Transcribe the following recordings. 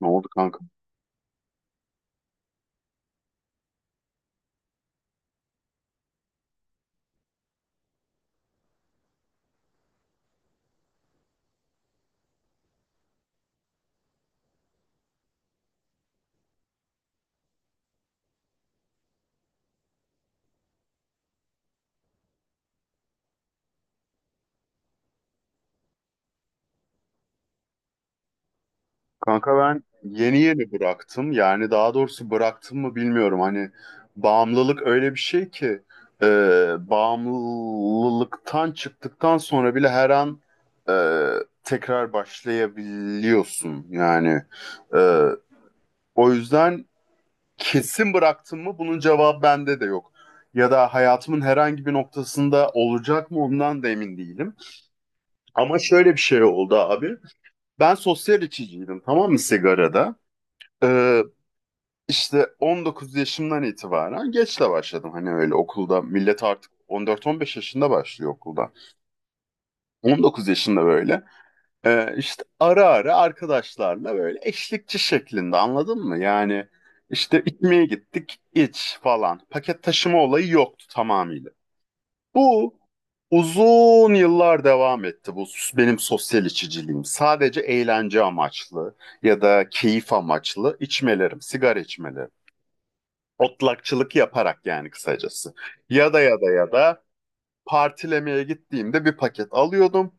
Ne oldu kanka? Kanka ben yeni yeni bıraktım. Yani daha doğrusu bıraktım mı bilmiyorum. Hani bağımlılık öyle bir şey ki e, bağımlılıktan çıktıktan sonra bile her an e, tekrar başlayabiliyorsun. Yani e, o yüzden kesin bıraktım mı bunun cevabı bende de yok. Ya da hayatımın herhangi bir noktasında olacak mı ondan da emin değilim. Ama şöyle bir şey oldu abi. Ben sosyal içiciydim, tamam mı, sigarada? Ee, işte 19 yaşımdan itibaren geç de başladım. Hani öyle okulda millet artık 14-15 yaşında başlıyor okulda. 19 yaşında böyle işte ara ara arkadaşlarla böyle eşlikçi şeklinde, anladın mı? Yani işte içmeye gittik, iç falan. Paket taşıma olayı yoktu tamamıyla. Bu Uzun yıllar devam etti bu benim sosyal içiciliğim. Sadece eğlence amaçlı ya da keyif amaçlı içmelerim, sigara içmelerim. Otlakçılık yaparak yani kısacası. Ya da partilemeye gittiğimde bir paket alıyordum.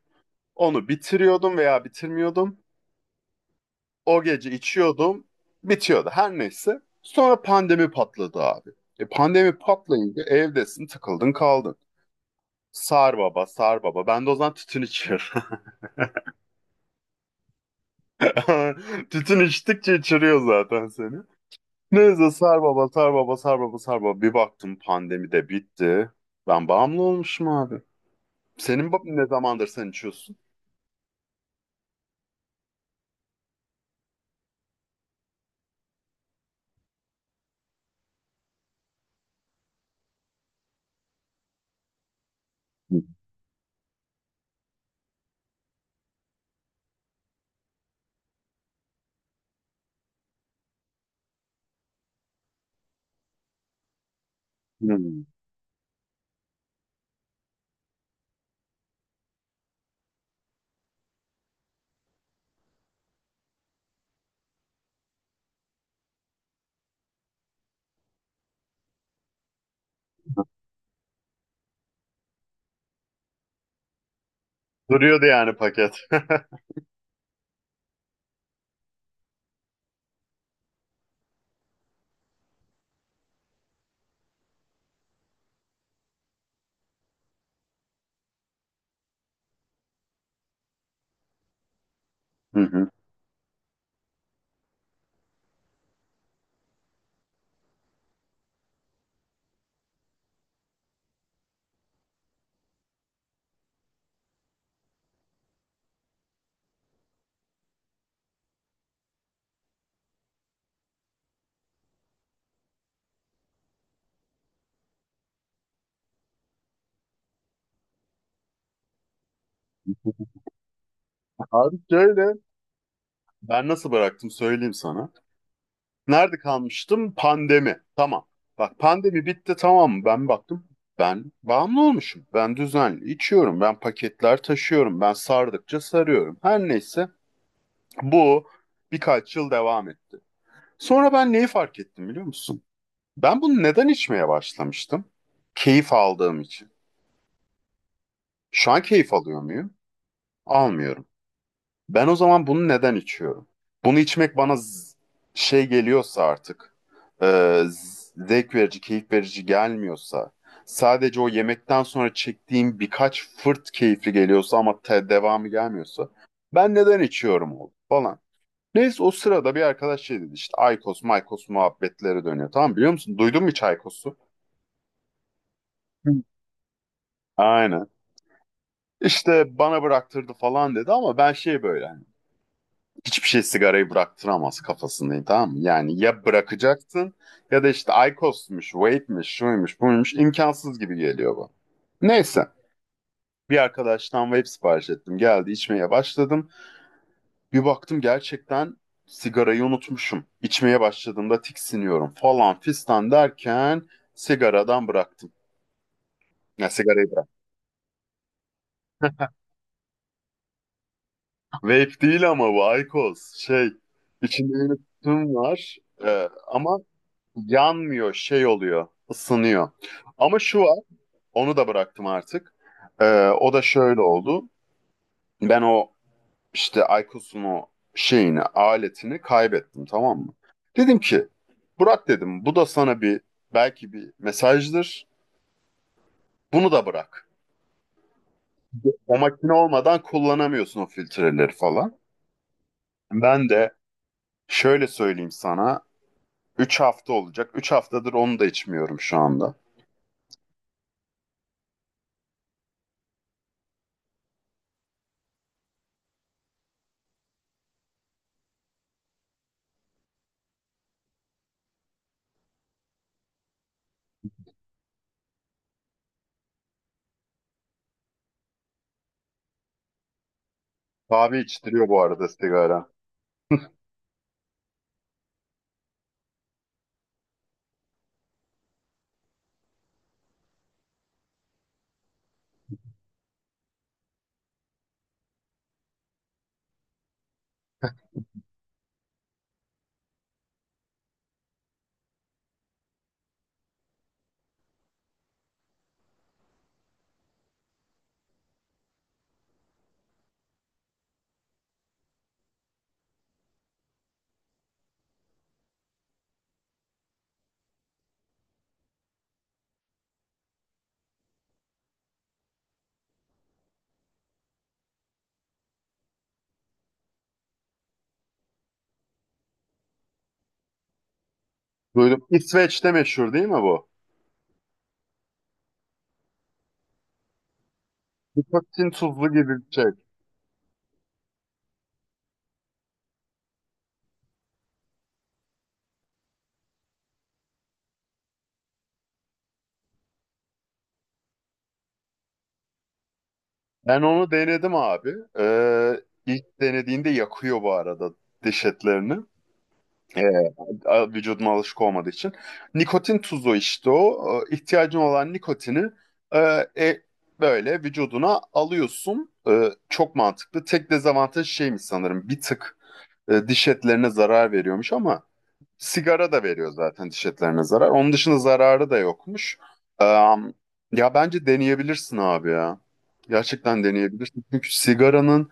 Onu bitiriyordum veya bitirmiyordum. O gece içiyordum. Bitiyordu her neyse. Sonra pandemi patladı abi. E pandemi patlayınca evdesin, tıkıldın kaldın. Sar baba, sar baba. Ben de o zaman tütün içiyorum. Tütün içtikçe içiriyor zaten seni. Neyse sar baba, sar baba, sar baba, sar baba. Bir baktım pandemi de bitti. Ben bağımlı olmuşum abi. Senin ne zamandır sen içiyorsun? Hı hı. Duruyordu yani paket. Hı hı. Abi şöyle. Ben nasıl bıraktım söyleyeyim sana. Nerede kalmıştım? Pandemi. Tamam. Bak pandemi bitti, tamam mı? Ben baktım. Ben bağımlı olmuşum. Ben düzenli içiyorum. Ben paketler taşıyorum. Ben sardıkça sarıyorum. Her neyse bu birkaç yıl devam etti. Sonra ben neyi fark ettim, biliyor musun? Ben bunu neden içmeye başlamıştım? Keyif aldığım için. Şu an keyif alıyor muyum? Almıyorum. Ben o zaman bunu neden içiyorum? Bunu içmek bana şey geliyorsa artık, zevk verici, keyif verici gelmiyorsa, sadece o yemekten sonra çektiğim birkaç fırt keyifli geliyorsa ama devamı gelmiyorsa, ben neden içiyorum oğlum falan. Neyse o sırada bir arkadaş şey dedi, işte Aykos, Maykos muhabbetleri dönüyor. Tamam, biliyor musun? Duydun mu hiç Aykos'u? Hı. Aynen. İşte bana bıraktırdı falan dedi ama ben şey böyle hani, hiçbir şey sigarayı bıraktıramaz kafasındayım, tamam mı? Yani ya bırakacaksın ya da işte IQOS'muş, vape'miş, şuymuş, buymuş, imkansız gibi geliyor bu. Neyse bir arkadaştan vape sipariş ettim. Geldi, içmeye başladım. Bir baktım gerçekten sigarayı unutmuşum. İçmeye başladığımda tiksiniyorum falan fistan derken sigaradan bıraktım. Ya sigarayı bıraktım. Vape değil ama bu IQOS şey içinde yine tütün var. Ama yanmıyor, şey oluyor, ısınıyor. Ama şu var, onu da bıraktım artık. O da şöyle oldu. Ben o işte Aykos'un o şeyini, aletini kaybettim, tamam mı? Dedim ki, Burak dedim, bu da sana bir belki bir mesajdır. Bunu da bırak. O makine olmadan kullanamıyorsun o filtreleri falan. Ben de şöyle söyleyeyim sana. Üç hafta olacak. 3 haftadır onu da içmiyorum şu anda. Abi içtiriyor bu arada sigara. Duydum. İsveç'te meşhur değil mi bu? Nikotin tuzlu gibi bir şey. Ben onu denedim abi. İlk denediğinde yakıyor bu arada diş etlerini. Ee, Vücuduma alışık olmadığı için. Nikotin tuzu işte o. İhtiyacın olan nikotini e, e, böyle vücuduna alıyorsun. Çok mantıklı. Tek dezavantaj şeymiş sanırım. Bir tık diş etlerine zarar veriyormuş ama sigara da veriyor zaten diş etlerine zarar. Onun dışında zararı da yokmuş. Am, Ya bence deneyebilirsin abi ya. Gerçekten deneyebilirsin. Çünkü sigaranın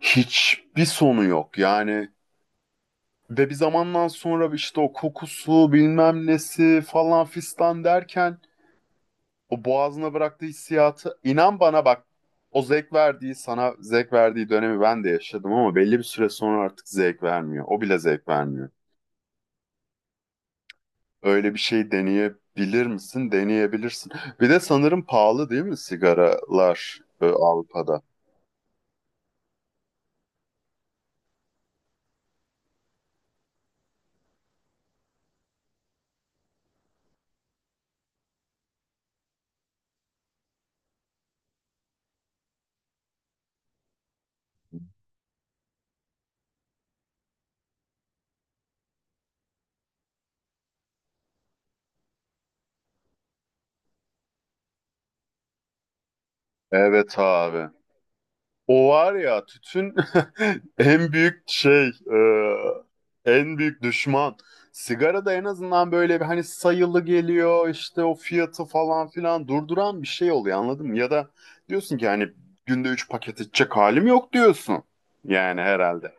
hiçbir sonu yok. Yani ve bir zamandan sonra işte o kokusu bilmem nesi falan fistan derken o boğazına bıraktığı hissiyatı, inan bana bak, o zevk verdiği sana zevk verdiği dönemi ben de yaşadım ama belli bir süre sonra artık zevk vermiyor. O bile zevk vermiyor. Öyle bir şey deneyebilir misin? Deneyebilirsin. Bir de sanırım pahalı değil mi sigaralar Avrupa'da? Evet abi. O var ya tütün en büyük şey, e, en büyük düşman. Sigara da en azından böyle bir hani sayılı geliyor, işte o fiyatı falan filan durduran bir şey oluyor, anladın mı? Ya da diyorsun ki hani günde 3 paket içecek halim yok diyorsun. Yani herhalde.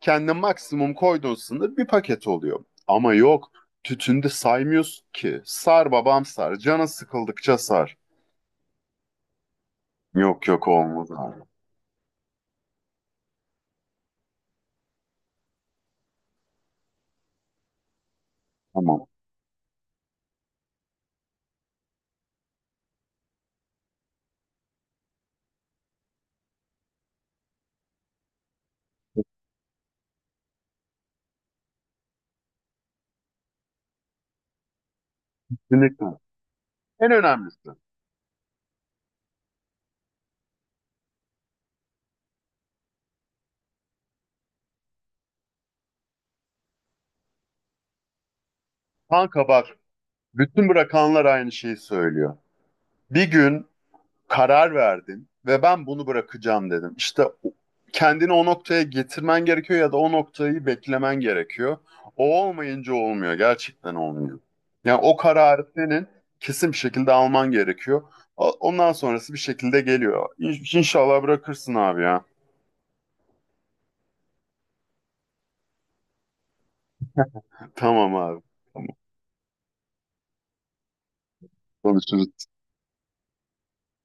Kendine maksimum koyduğun sınır bir paket oluyor. Ama yok, tütünde saymıyorsun ki. Sar babam sar. Canın sıkıldıkça sar. Yok yok, olmaz abi. Tamam. Kesinlikle. En önemlisi. Kanka bak, bütün bırakanlar aynı şeyi söylüyor. Bir gün karar verdin ve ben bunu bırakacağım dedim. İşte kendini o noktaya getirmen gerekiyor ya da o noktayı beklemen gerekiyor. O olmayınca olmuyor. Gerçekten olmuyor. Yani o kararı senin kesin bir şekilde alman gerekiyor. Ondan sonrası bir şekilde geliyor. İnşallah bırakırsın abi ya. Tamam abi. Konuşuruz.